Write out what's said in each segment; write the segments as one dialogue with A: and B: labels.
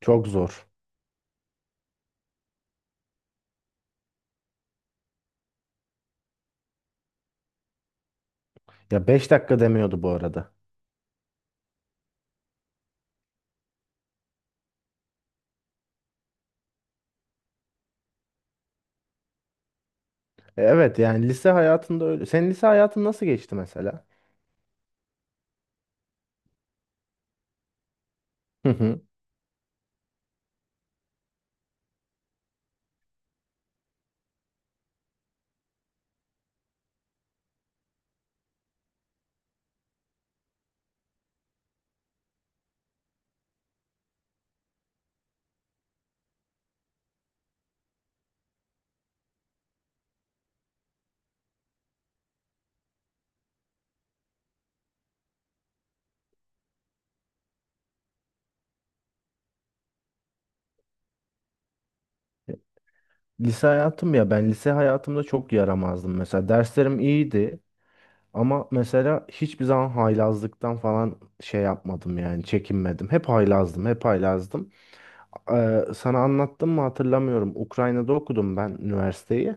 A: Çok zor. Ya 5 dakika demiyordu bu arada. Evet yani lise hayatında öyle. Senin lise hayatın nasıl geçti mesela? Hı hı. Lise hayatım ya ben lise hayatımda çok yaramazdım mesela. Derslerim iyiydi ama mesela hiçbir zaman haylazlıktan falan şey yapmadım yani çekinmedim. Hep haylazdım, hep haylazdım. Sana anlattım mı hatırlamıyorum. Ukrayna'da okudum ben üniversiteyi.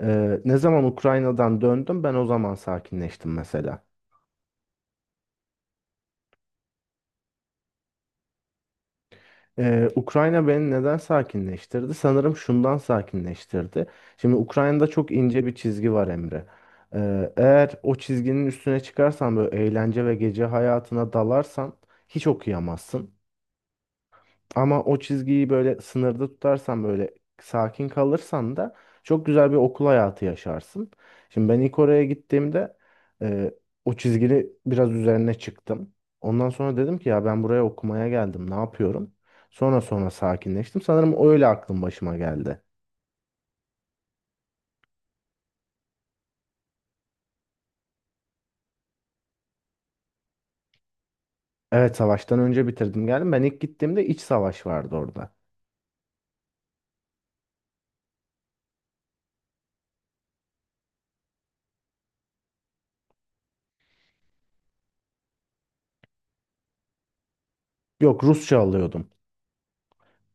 A: Ne zaman Ukrayna'dan döndüm ben o zaman sakinleştim mesela. Ukrayna beni neden sakinleştirdi? Sanırım şundan sakinleştirdi. Şimdi Ukrayna'da çok ince bir çizgi var Emre. Eğer o çizginin üstüne çıkarsan böyle eğlence ve gece hayatına dalarsan hiç okuyamazsın. Ama o çizgiyi böyle sınırda tutarsan böyle sakin kalırsan da çok güzel bir okul hayatı yaşarsın. Şimdi ben ilk oraya gittiğimde e, o çizgini biraz üzerine çıktım. Ondan sonra dedim ki ya ben buraya okumaya geldim ne yapıyorum? Sonra sonra sakinleştim. Sanırım öyle aklım başıma geldi. Evet, savaştan önce bitirdim geldim. Ben ilk gittiğimde iç savaş vardı orada. Yok, Rusça alıyordum.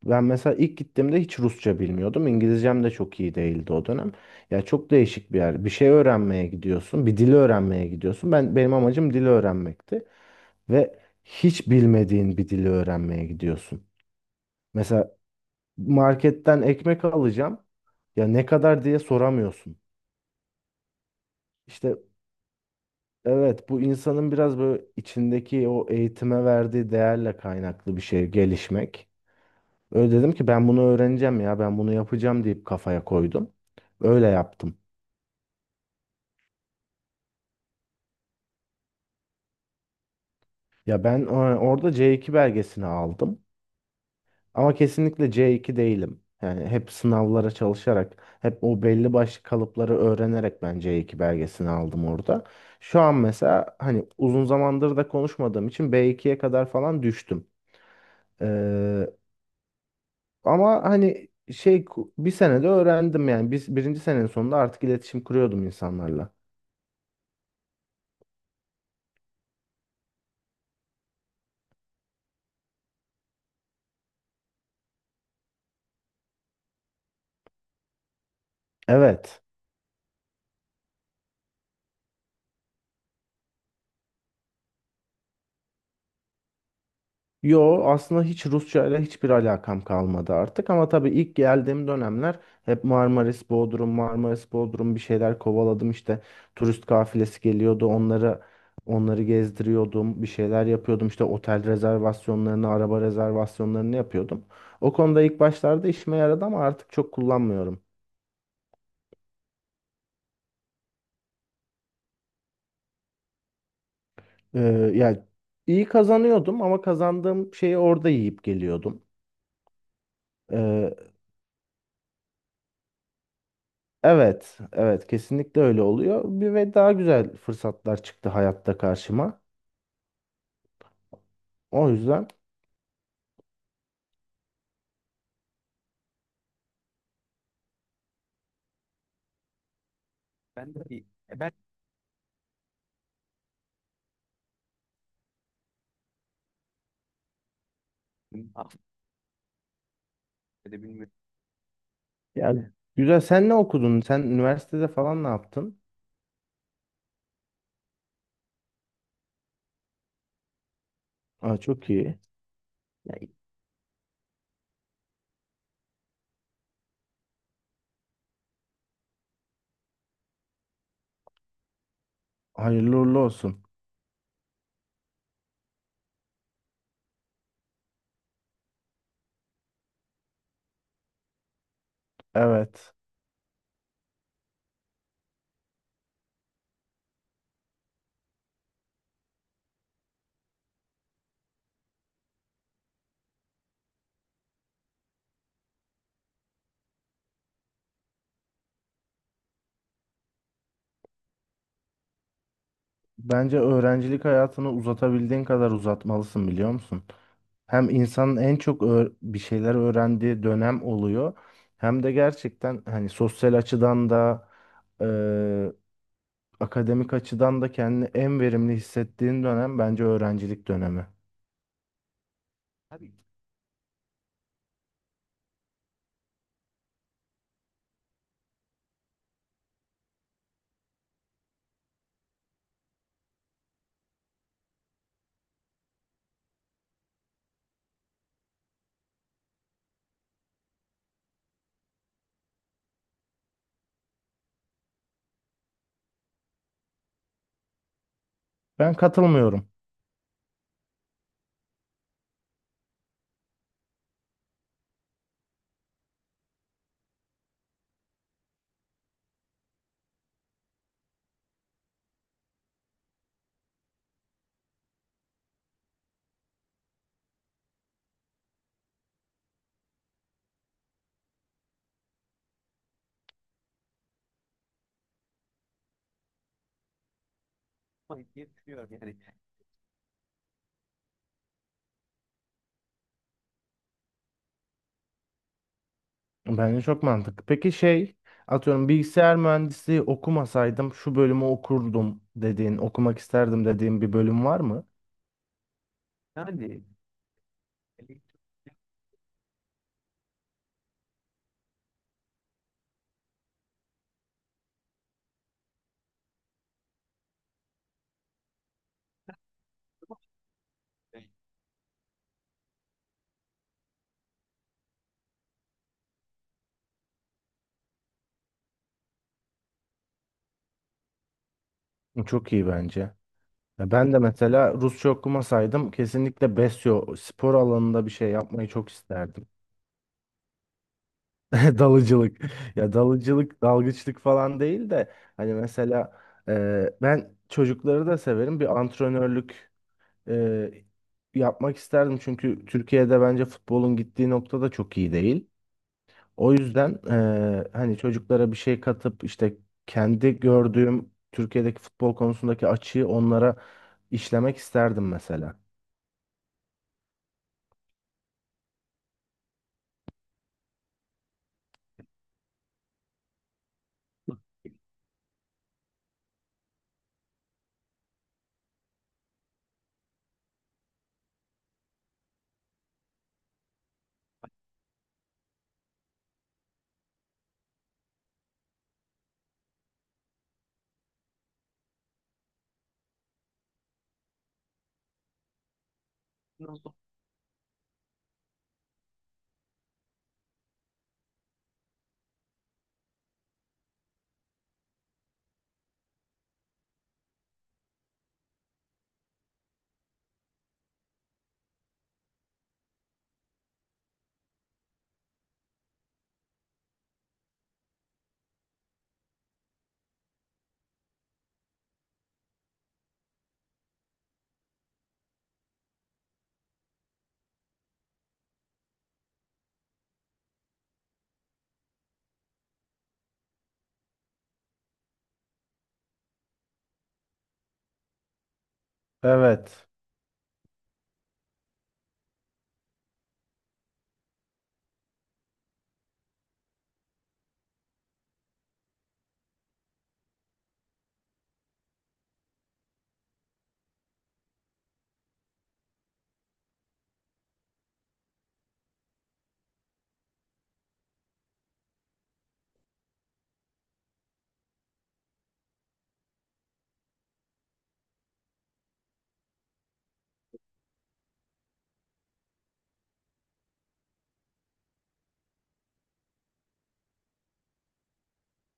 A: Ben mesela ilk gittiğimde hiç Rusça bilmiyordum. İngilizcem de çok iyi değildi o dönem. Ya çok değişik bir yer. Bir şey öğrenmeye gidiyorsun, bir dili öğrenmeye gidiyorsun. Ben benim amacım dili öğrenmekti ve hiç bilmediğin bir dili öğrenmeye gidiyorsun. Mesela marketten ekmek alacağım. Ya ne kadar diye soramıyorsun. İşte evet, bu insanın biraz böyle içindeki o eğitime verdiği değerle kaynaklı bir şey gelişmek. Öyle dedim ki ben bunu öğreneceğim ya ben bunu yapacağım deyip kafaya koydum. Öyle yaptım. Ya ben orada C2 belgesini aldım. Ama kesinlikle C2 değilim. Yani hep sınavlara çalışarak, hep o belli başlı kalıpları öğrenerek ben C2 belgesini aldım orada. Şu an mesela hani uzun zamandır da konuşmadığım için B2'ye kadar falan düştüm. Ama hani şey bir senede öğrendim yani. Biz birinci senenin sonunda artık iletişim kuruyordum insanlarla. Evet. Yo, aslında hiç Rusça ile hiçbir alakam kalmadı artık ama tabii ilk geldiğim dönemler hep Marmaris, Bodrum, Marmaris, Bodrum bir şeyler kovaladım işte, turist kafilesi geliyordu, onları gezdiriyordum, bir şeyler yapıyordum işte, otel rezervasyonlarını, araba rezervasyonlarını yapıyordum. O konuda ilk başlarda işime yaradı ama artık çok kullanmıyorum. Ee, yani iyi kazanıyordum ama kazandığım şeyi orada yiyip geliyordum. Ee, Evet, evet, kesinlikle öyle oluyor. Bir ve daha güzel fırsatlar çıktı hayatta karşıma. O yüzden Ben de bir- yani güzel. Sen ne okudun? Sen üniversitede falan ne yaptın? Aa, çok iyi. ya, Hayırlı uğurlu olsun. Evet. Bence öğrencilik hayatını uzatabildiğin kadar uzatmalısın biliyor musun? Hem insanın en çok bir şeyler öğrendiği dönem oluyor. Hem de gerçekten hani sosyal açıdan da eee, akademik açıdan da kendini en verimli hissettiğin dönem bence öğrencilik dönemi. Ben katılmıyorum. Bence çok mantıklı. Peki şey, atıyorum bilgisayar mühendisliği okumasaydım şu bölümü okurdum dediğin, okumak isterdim dediğin bir bölüm var mı? Çok iyi bence. Ya ben de mesela Rusça okumasaydım kesinlikle Besyo spor alanında bir şey yapmayı çok isterdim. Dalıcılık. Ya dalıcılık, dalgıçlık falan değil de hani mesela ben çocukları da severim. Bir antrenörlük e, yapmak isterdim. Çünkü Türkiye'de bence futbolun gittiği nokta da çok iyi değil. O yüzden hani çocuklara bir şey katıp işte kendi gördüğüm Türkiye'deki futbol konusundaki açığı onlara işlemek isterdim mesela. Evet.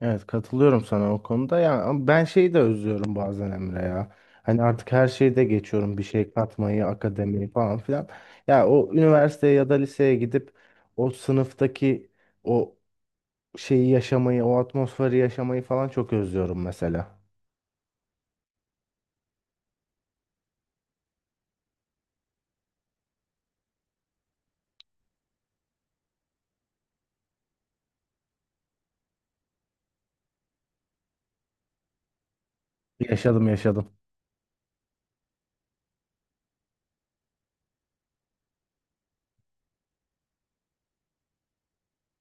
A: Evet, katılıyorum sana o konuda ya ama ben şeyi de özlüyorum bazen Emre ya. Hani artık her şeyi de geçiyorum bir şey katmayı, akademiyi falan filan. Ya o üniversiteye ya da liseye gidip o sınıftaki o şeyi yaşamayı, o atmosferi yaşamayı falan çok özlüyorum mesela. Yaşadım, yaşadım.